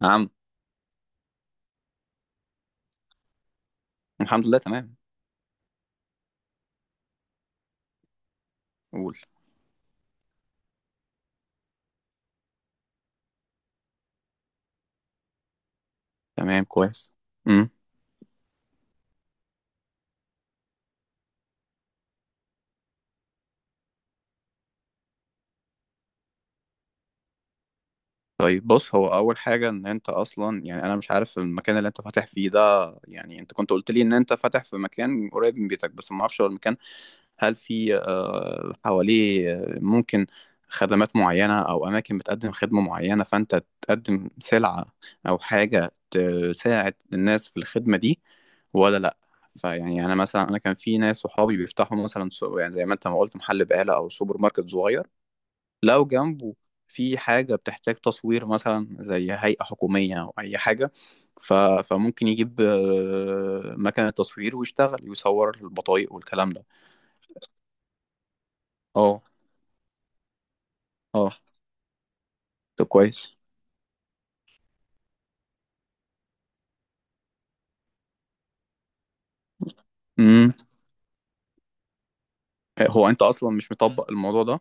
نعم. الحمد لله، تمام. قول. تمام، كويس. امم. طيب، بص، هو اول حاجه ان انت اصلا، يعني انا مش عارف المكان اللي انت فاتح فيه ده. يعني انت كنت قلت لي ان انت فاتح في مكان قريب من بيتك، بس ما اعرفش هو المكان. هل في حواليه ممكن خدمات معينه او اماكن بتقدم خدمه معينه فانت تقدم سلعه او حاجه تساعد الناس في الخدمه دي ولا لا؟ فيعني انا مثلا، انا كان في ناس صحابي بيفتحوا مثلا يعني زي ما انت ما قلت محل بقاله او سوبر ماركت صغير. لو جنبه في حاجة بتحتاج تصوير، مثلا زي هيئة حكومية أو أي حاجة، فممكن يجيب مكنة تصوير ويشتغل يصور البطايق والكلام ده. اه. اه. طب كويس. امم. هو أنت أصلا مش مطبق الموضوع ده؟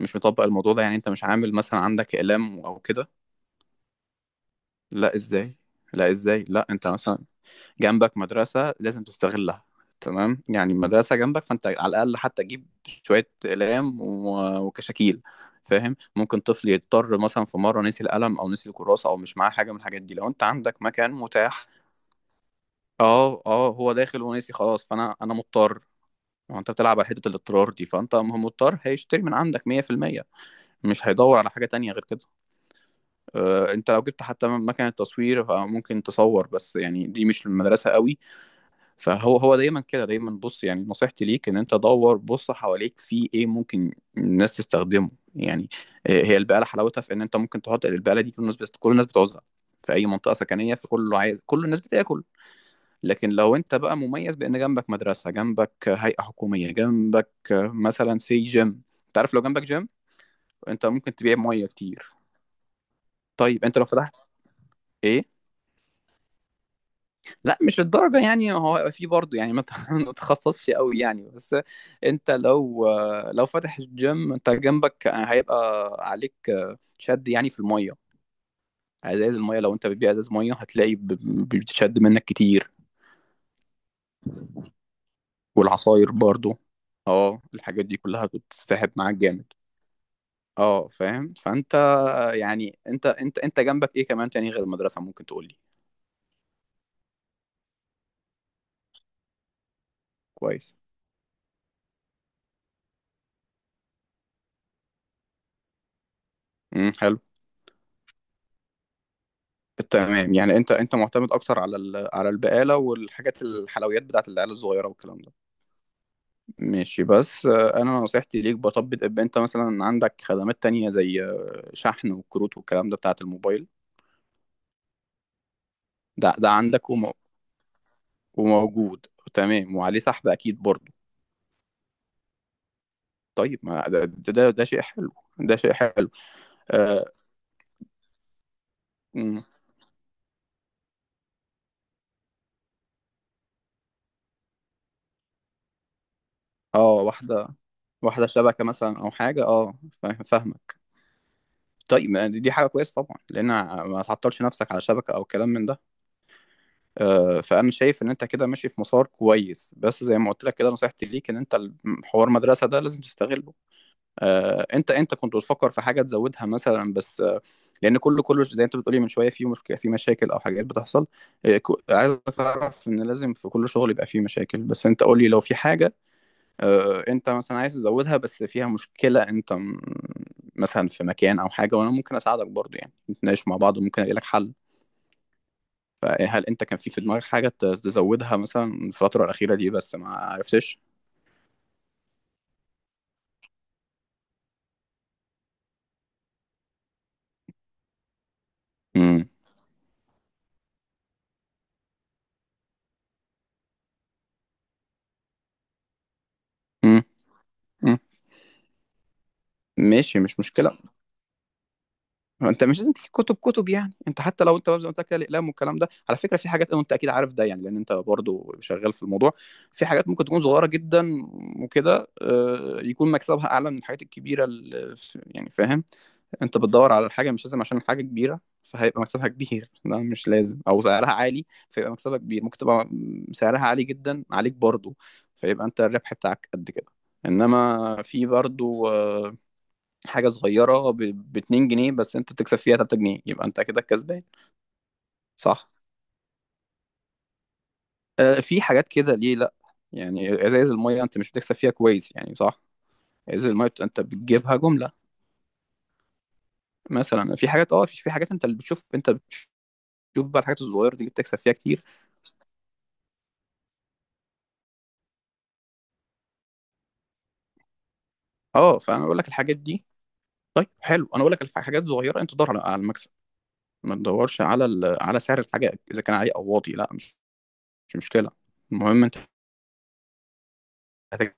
مش مطبق الموضوع ده، يعني أنت مش عامل مثلا عندك إعلام أو كده؟ لا إزاي. لا إزاي، لا أنت مثلا جنبك مدرسة، لازم تستغلها. تمام، يعني المدرسة جنبك فانت على الأقل حتى تجيب شوية أقلام وكشاكيل. فاهم؟ ممكن طفل يضطر مثلا في مرة نسي القلم أو نسي الكراسة أو مش معاه حاجة من الحاجات دي، لو أنت عندك مكان متاح. اه، اه، هو داخل ونسي خلاص، فأنا مضطر. هو أنت بتلعب على حتة الاضطرار دي، فأنت مضطر هيشتري من عندك 100%. مش هيدور على حاجة تانية غير كده. أنت لو جبت حتى مكنة تصوير فممكن تصور، بس يعني دي مش المدرسة قوي. فهو دايما كده دايما، بص يعني نصيحتي ليك ان انت دور، بص حواليك في ايه ممكن الناس تستخدمه يعني. هي البقاله حلاوتها في ان انت ممكن تحط البقاله دي كل الناس، بس كل الناس بتعوزها في اي منطقه سكنيه، فكله عايز، كل الناس بتاكل. لكن لو انت بقى مميز بان جنبك مدرسه، جنبك هيئه حكوميه، جنبك مثلا سي جيم. انت عارف، لو جنبك جيم انت ممكن تبيع ميه كتير. طيب انت لو فتحت ايه. لا مش الدرجة، يعني هو هيبقى فيه برضه، يعني ما تتخصصش قوي يعني. بس انت لو فاتح الجيم انت جنبك هيبقى عليك شد، يعني في المية، ازاز المية. لو انت بتبيع ازاز مية هتلاقي بتشد منك كتير. والعصاير برضه. اه، الحاجات دي كلها بتسحب معاك جامد. اه فاهم، فانت، يعني انت انت انت جنبك ايه كمان تاني غير المدرسة، ممكن تقولي؟ كويس. امم، حلو. تمام، يعني انت، معتمد اكتر على على البقاله والحاجات، الحلويات بتاعت العيال الصغيره والكلام ده. ماشي، بس انا نصيحتي ليك بطبق، ابقى انت مثلا عندك خدمات تانية زي شحن وكروت والكلام ده بتاعت الموبايل. ده ده عندك وموجود. تمام، وعليه سحب اكيد برضه. طيب ما ده شيء حلو. ده شيء حلو. اه. مم. واحده، واحده شبكه مثلا او حاجه، اه. فاهمك. طيب ما دي حاجه كويسه طبعا، لان ما تعطلش نفسك على شبكه او كلام من ده. فانا شايف ان انت كده ماشي في مسار كويس، بس زي ما قلت لك كده نصيحتي ليك ان انت، حوار مدرسه ده لازم تستغله. انت، كنت بتفكر في حاجه تزودها مثلا بس لان كله زي انت بتقولي من شويه، في مشكله، في مشاكل او حاجات بتحصل. عايزك تعرف ان لازم في كل شغل يبقى فيه مشاكل، بس انت قولي لو في حاجه انت مثلا عايز تزودها بس فيها مشكله، انت مثلا في مكان او حاجه، وانا ممكن اساعدك برضو، يعني نتناقش مع بعض وممكن الاقي لك حل. فهل انت كان في دماغك حاجة تزودها مثلا الفترة الأخيرة دي بس ما عرفتش؟ امم. امم. امم. ماشي، مش مشكلة. انت مش لازم تجيب كتب كتب، يعني انت حتى لو انت زي ما قلت لك كده، الأقلام والكلام ده. على فكرة في حاجات، وانت أكيد عارف ده يعني، لأن انت برضو شغال في الموضوع. في حاجات ممكن تكون صغيرة جدا وكده يكون مكسبها أعلى من الحاجات الكبيرة يعني فاهم. انت بتدور على الحاجة، مش لازم عشان الحاجة كبيرة فهيبقى مكسبها كبير ده مش لازم، او سعرها عالي فيبقى مكسبها كبير. ممكن تبقى سعرها عالي جدا عليك برضو فيبقى انت الربح بتاعك قد كده. انما في برضو حاجة صغيرة، ب 2 جنيه بس، انت تكسب فيها 3 جنيه، يبقى انت كده كسبان. صح. في حاجات كده، ليه لا. يعني ازايز المية انت مش بتكسب فيها كويس يعني، صح؟ ازايز المية، انت بتجيبها جملة. مثلا في حاجات اه، في حاجات انت اللي بتشوف، انت بتشوف بقى الحاجات الصغيرة دي اللي بتكسب فيها كتير. اه، فانا بقول لك الحاجات دي. طيب حلو، انا بقول لك حاجات صغيره. انت دور على المكسب، ما تدورش على على سعر الحاجه، اذا كان عالي او واطي. لا، مش مشكله. المهم انت هتكسب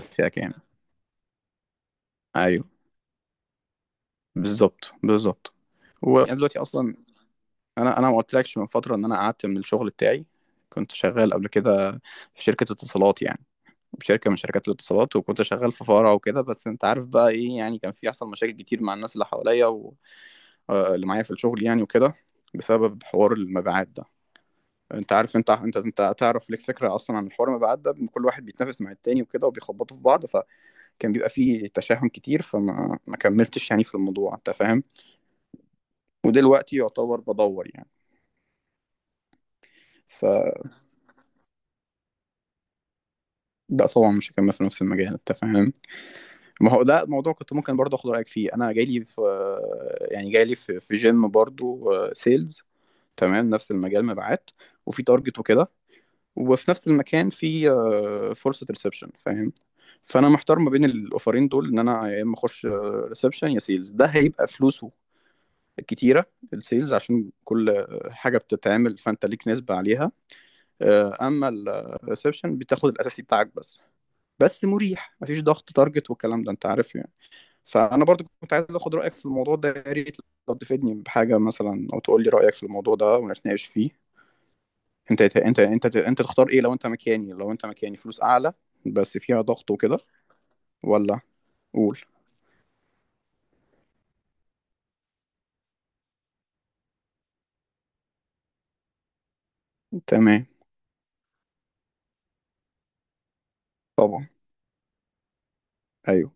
فيها كام. ايوه، بالظبط، بالظبط. وانا دلوقتي اصلا، انا انا ما قلتلكش من فتره ان انا قعدت من الشغل بتاعي. كنت شغال قبل كده في شركه اتصالات، يعني شركه من شركات الاتصالات، وكنت شغال في فرع وكده. بس انت عارف بقى ايه، يعني كان في يحصل مشاكل كتير مع الناس اللي حواليا واللي معايا في الشغل يعني وكده، بسبب حوار المبيعات ده. انت عارف، انت تعرف ليك فكره اصلا عن الحوار. ما بعد ده كل واحد بيتنافس مع التاني وكده، وبيخبطوا في بعض، فكان بيبقى فيه تشاحن كتير، فما ما كملتش يعني في الموضوع، انت فاهم. ودلوقتي يعتبر بدور يعني. فلا، طبعا مش هكمل في نفس المجال، انت فاهم. ما هو ده موضوع كنت ممكن برضه اخد رايك فيه. انا جاي لي في، يعني جاي لي في جيم برضه سيلز. تمام، نفس المجال مبيعات، وفي تارجت وكده، وفي نفس المكان في فرصة ريسبشن، فاهم. فانا محتار ما بين الاوفرين دول، ان انا يا اما اخش ريسبشن يا سيلز. ده هيبقى فلوسه كتيرة، السيلز، عشان كل حاجة بتتعمل فانت ليك نسبة عليها. اما الريسبشن بتاخد الاساسي بتاعك بس، بس مريح، مفيش ضغط تارجت والكلام ده، انت عارف يعني. فانا برضو كنت عايز اخد رايك في الموضوع ده، يا ريت لو تفيدني بحاجه مثلا، او تقول لي رايك في الموضوع ده ونتناقش فيه. انت انت انت انت تختار ايه لو انت مكاني؟ لو انت مكاني فلوس اعلى بس فيها ضغط وكده، ولا؟ قول. تمام، طبعا، ايوه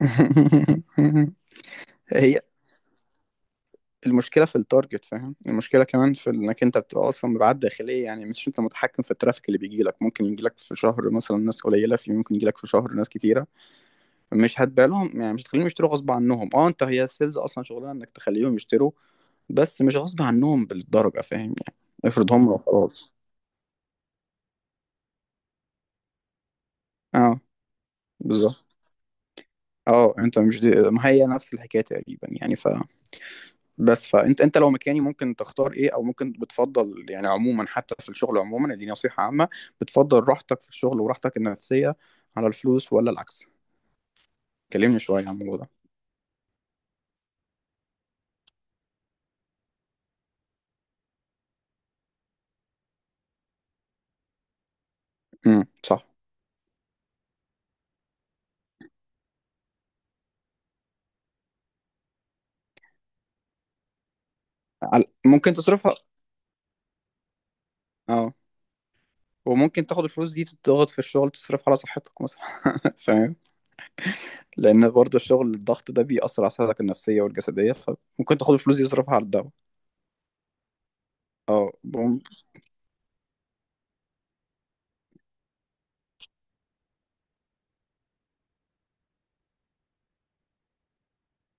هي المشكله في التارجت، فاهم. المشكله كمان في انك انت بتبقى اصلا مبيعات داخليه، يعني مش انت متحكم في الترافيك اللي بيجي لك. ممكن يجي لك في شهر مثلا ناس قليله، في ممكن يجي لك في شهر ناس كتيره مش هتبالهم يعني، مش هتخليهم يشتروا غصب عنهم. اه، انت، هي السيلز اصلا شغلها انك تخليهم يشتروا بس مش غصب عنهم بالدرجه، فاهم يعني، افرض هم وخلاص. اه، بالظبط. اه، انت مش دي... ما هي نفس الحكايه تقريبا يعني. ف، بس فانت، انت لو مكاني ممكن تختار ايه، او ممكن بتفضل يعني عموما؟ حتى في الشغل عموما دي نصيحه عامه. بتفضل راحتك في الشغل وراحتك النفسيه على الفلوس، ولا العكس؟ كلمني شويه عن الموضوع ده. امم، صح. ممكن تصرفها. اه، وممكن تاخد الفلوس دي تضغط في الشغل، تصرفها على صحتك مثلا فاهم، لان برضه الشغل، الضغط ده بيأثر على صحتك النفسيه والجسديه، فممكن تاخد الفلوس دي تصرفها على الدواء. اه، بوم.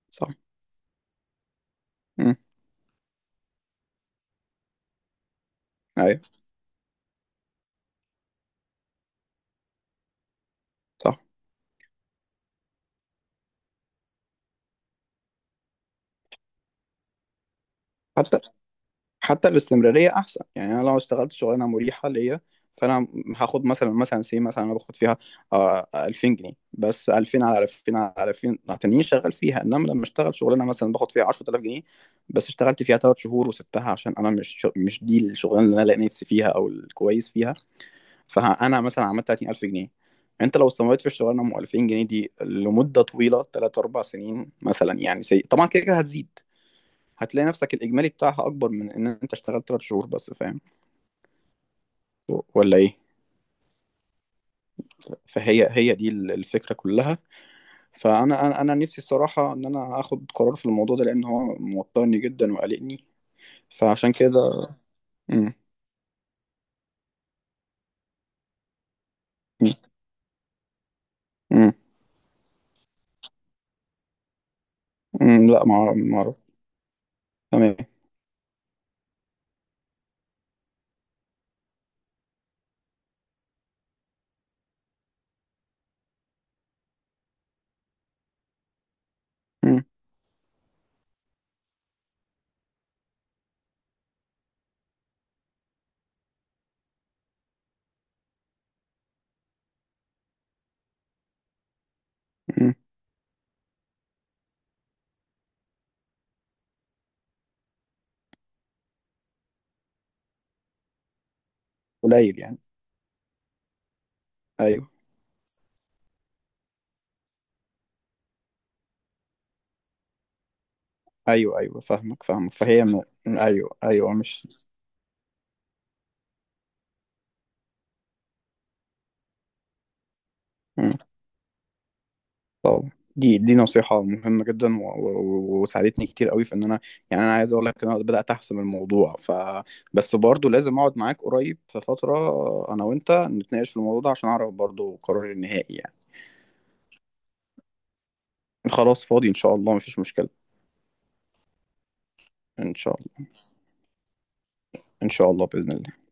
صح. امم. ايوه صح. حتى، الاستمراريه احسن. يعني انا لو اشتغلت شغلانه مريحه ليا، فانا هاخد مثلا، سي، مثلا انا باخد فيها 2000 جنيه بس، 2000 على 2000 على 2000 تانيين شغال فيها. انما لما اشتغل شغلانه مثلا باخد فيها 10000 جنيه، بس اشتغلت فيها 3 شهور وسبتها عشان انا، مش دي الشغلانه اللي انا لاقي نفسي فيها او الكويس فيها. فانا مثلا عملت 30000 جنيه. انت لو استمريت في الشغلانه ام 2000 جنيه دي لمده طويله 3 4 سنين مثلا، يعني طبعا كده كده هتزيد. هتلاقي نفسك الإجمالي بتاعها أكبر من إن أنت اشتغلت 3 شهور بس، فاهم ولا إيه؟ فهي، هي دي الفكرة كلها. فأنا أنا أنا نفسي الصراحة إن أنا آخد قرار في الموضوع ده، لأن هو موترني جدا وقلقني، فعشان كده. مم. مم. مم. مم. لا، ما أعرف. تمام. مم. مم. قليل يعني. أيوه. أيوه. أيوه فاهمك، فهي م... أيوه، أيوه، مش طبعا، دي نصيحة مهمة جدا وساعدتني كتير قوي في ان انا، يعني انا عايز اقول لك ان انا بدأت احسم الموضوع، ف بس برضه لازم اقعد معاك قريب في فترة، انا وانت نتناقش في الموضوع ده عشان اعرف برضه قراري النهائي يعني. خلاص فاضي ان شاء الله، مفيش مشكلة. ان شاء الله. ان شاء الله بإذن الله.